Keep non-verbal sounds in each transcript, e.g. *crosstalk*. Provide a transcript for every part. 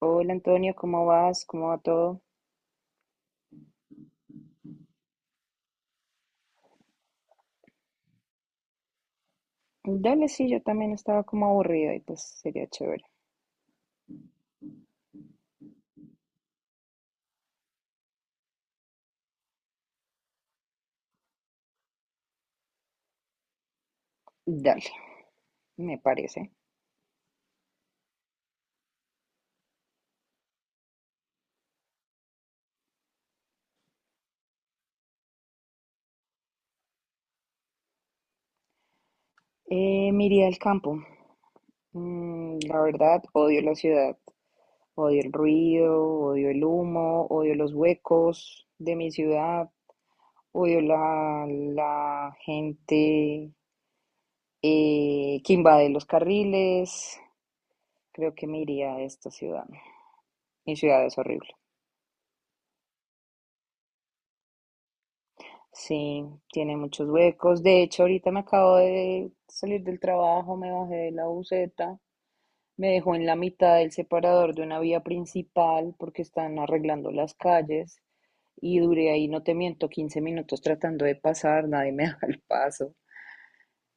Hola Antonio, ¿cómo vas? ¿Cómo va todo? Dale, sí, yo también estaba como aburrida y pues sería chévere. Dale, me parece. Me iría al campo. Mm, la verdad, odio la ciudad. Odio el ruido, odio el humo, odio los huecos de mi ciudad, odio la gente que invade los carriles. Creo que me iría a esta ciudad. Mi ciudad es horrible. Sí, tiene muchos huecos. De hecho, ahorita me acabo de salir del trabajo, me bajé de la buseta, me dejó en la mitad del separador de una vía principal porque están arreglando las calles y duré ahí, no te miento, 15 minutos tratando de pasar, nadie me *laughs* daba el paso.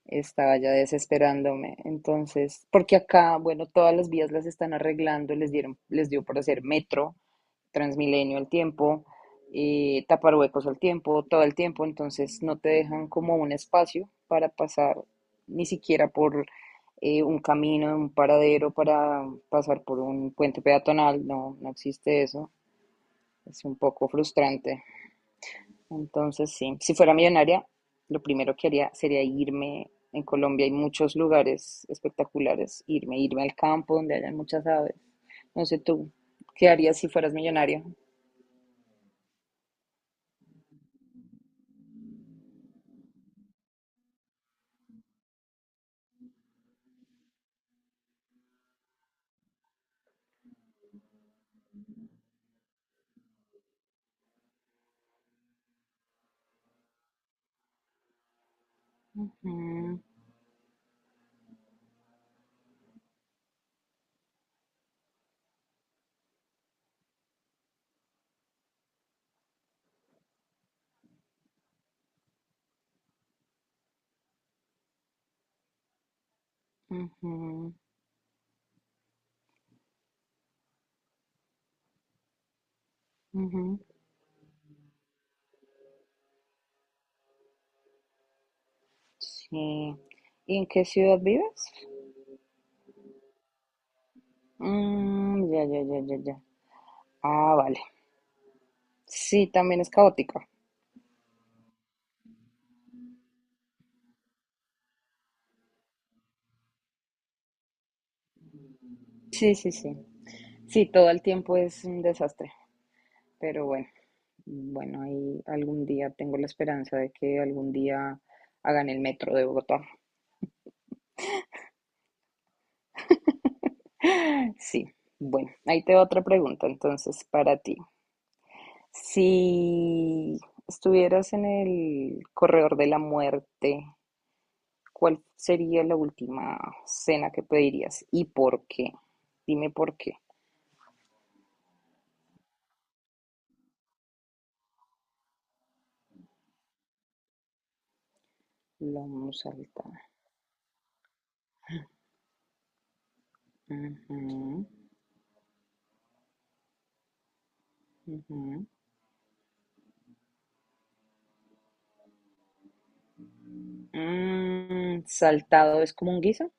Estaba ya desesperándome. Entonces, porque acá, bueno, todas las vías las están arreglando, les dieron, les dio por hacer metro. Transmilenio al tiempo, tapar huecos al tiempo, todo el tiempo, entonces no te dejan como un espacio para pasar ni siquiera por un camino, un paradero para pasar por un puente peatonal, no, no existe eso, es un poco frustrante. Entonces, sí, si fuera millonaria, lo primero que haría sería irme. En Colombia hay muchos lugares espectaculares, irme al campo donde hayan muchas aves. No sé tú, ¿qué harías si fueras millonario? Ujú. Ujú, ujú, sí. ¿Y en qué ciudad vives? Mm, ya, ya, ya, ya, ya. Ah, vale. Sí, también es caótica. Sí, sí, sí. Sí, todo el tiempo es un desastre, pero bueno, bueno, ahí algún día tengo la esperanza de que algún día hagan el metro de Bogotá. *gasps* *laughs* Sí, bueno, ahí te va otra pregunta entonces para ti. Si estuvieras en el corredor de la muerte, ¿cuál sería la última cena que pedirías y por qué? Dime por qué. Lo vamos a saltar. Ujú, ujú. Mm, saltado es como un guiso.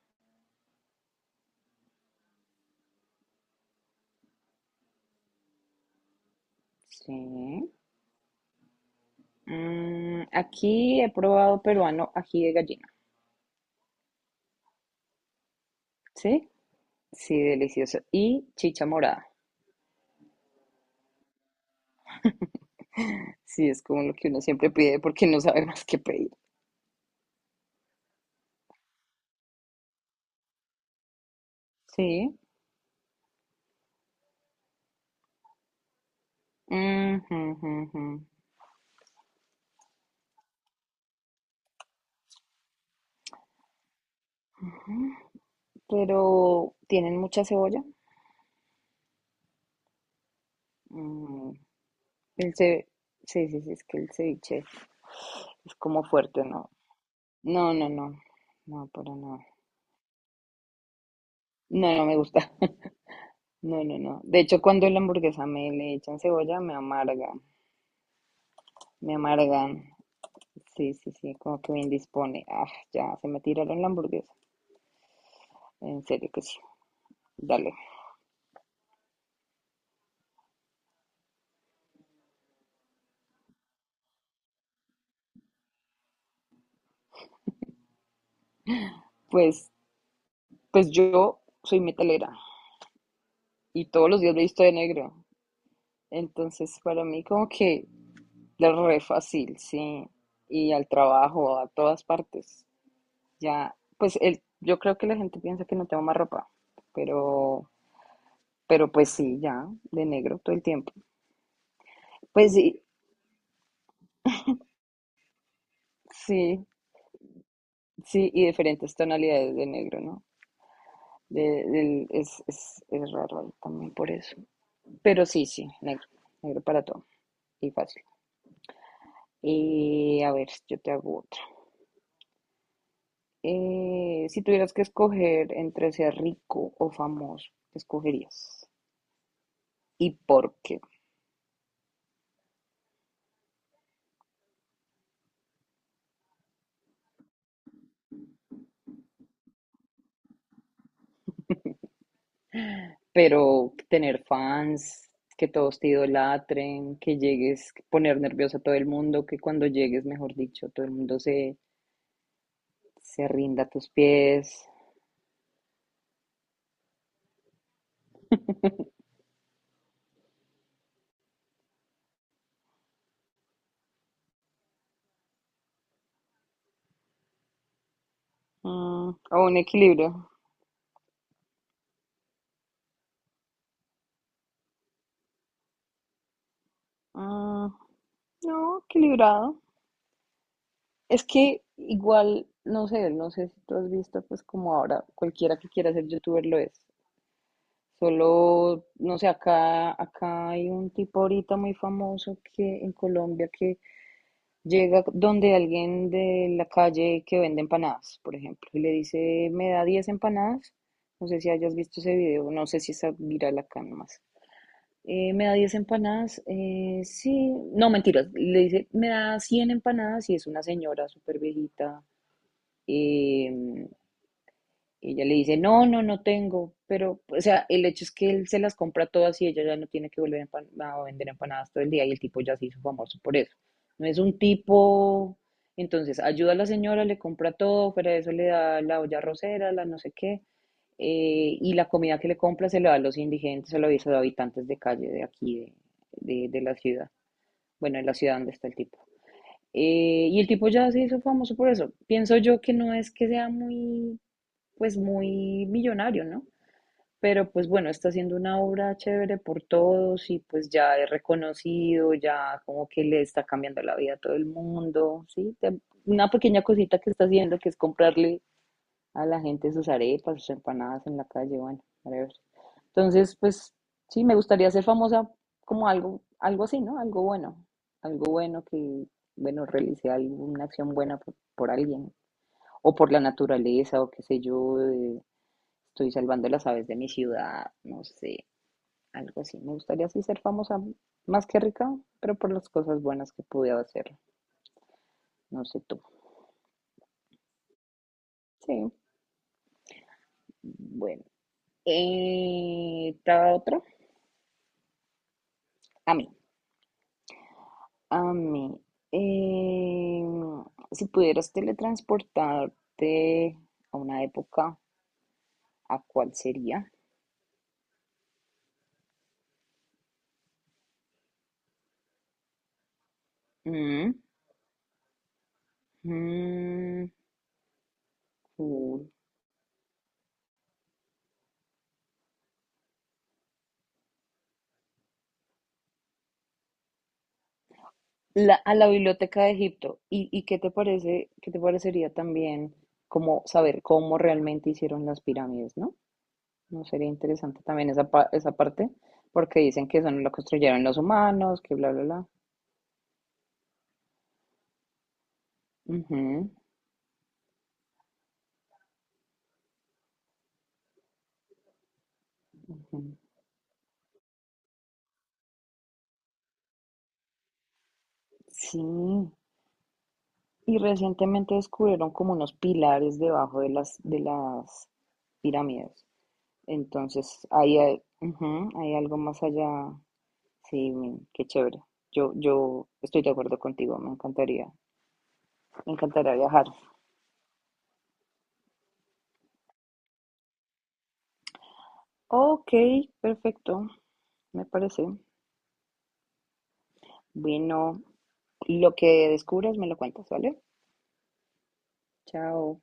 Sí. Mm, aquí he probado peruano ají de gallina. Sí. Sí, delicioso. Y chicha morada. Sí, es como lo que uno siempre pide porque no sabe más qué pedir. Sí. Ujú, ujú, ujú. Pero, ¿tienen mucha cebolla? Mm, El ce- sí, sí, sí, es que el ceviche es como fuerte, ¿no? No, no, no, no, pero no, no, no me gusta. *laughs* No, no, no. De hecho, cuando la hamburguesa me le echan cebolla, me amarga, me amargan. Sí, sí, sí, como que me indispone. Ah, ya, se me tiraron la hamburguesa. En serio que sí. Dale. Pues, pues yo soy metalera y todos los días me he visto de negro. Entonces, para mí como que es re fácil, sí. Y al trabajo, a todas partes. Ya, pues el, yo creo que la gente piensa que no tengo más ropa, pero, pero pues sí, ya, de negro todo el tiempo. Pues sí, sí, sí, y diferentes tonalidades de negro, ¿no? Es, es raro ahí también por eso. Pero sí, sí, negro, negro para todo y fácil. Y a ver, yo te hago otra. Si tuvieras que escoger entre ser rico o famoso, ¿qué escogerías? ¿Y por qué? Pero tener fans, que todos te idolatren, que llegues, poner nervioso a todo el mundo, que cuando llegues, mejor dicho, todo el mundo se rinda a tus pies. Mm, o un equilibrio. Mm, no, equilibrado. Es que igual, no sé, no sé si tú has visto, pues como ahora cualquiera que quiera ser youtuber lo es. Solo, no sé, acá hay un tipo ahorita muy famoso que en Colombia que llega donde alguien de la calle que vende empanadas, por ejemplo, y le dice, me da 10 empanadas. No sé si hayas visto ese video, no sé si está viral acá nomás. Me da 10 empanadas, sí, no, mentiras, le dice, me da 100 empanadas y es una señora súper viejita em, y ella le dice, no, no, no tengo, pero, o sea, el hecho es que él se las compra todas y ella ya no tiene que volver a a vender empanadas todo el día y el tipo ya se hizo famoso por eso. No es un tipo, entonces, ayuda a la señora, le compra todo, fuera de eso le da la olla rosera, la no sé qué, y la comida que le compra se la da a los indigentes, se la da a los habitantes de calle de aquí, de la ciudad, bueno, en la ciudad donde está el tipo. Y el tipo ya se hizo famoso por eso. Pienso yo que no es que sea muy pues muy millonario, ¿no? Pero pues bueno, está haciendo una obra chévere por todos y pues ya es reconocido, ya como que le está cambiando la vida a todo el mundo, ¿sí? Te- una pequeña cosita que está haciendo que es comprarle a la gente sus arepas, sus empanadas en la calle, bueno, whatever. Entonces, pues sí, me gustaría ser famosa como algo, algo así, ¿no? Algo bueno que, bueno, realice alguna acción buena por alguien o por la naturaleza o qué sé yo, estoy salvando las aves de mi ciudad, no sé, algo así. Me gustaría así ser famosa, más que rica, pero por las cosas buenas que pude hacer, no sé tú. Sí, bueno. ¿Ta otro? A mí. A mí. Eh, si pudieras teletransportarte a una época, ¿a cuál sería? Mm, mm, uh, la, a la Biblioteca de Egipto. Y qué te parece, qué te parecería también como saber cómo realmente hicieron las pirámides, ¿no? No sería interesante también esa, esa parte, porque dicen que eso no lo construyeron los humanos, que bla, bla, bla. Ujú, ujú. Sí. Y recientemente descubrieron como unos pilares debajo de de las pirámides. Entonces, ahí hay, ujú, hay algo más allá. Sí, men, qué chévere. Yo estoy de acuerdo contigo, me encantaría viajar. Ok, perfecto, me parece. Bueno, lo que descubras me lo cuentas, ¿vale? Chao.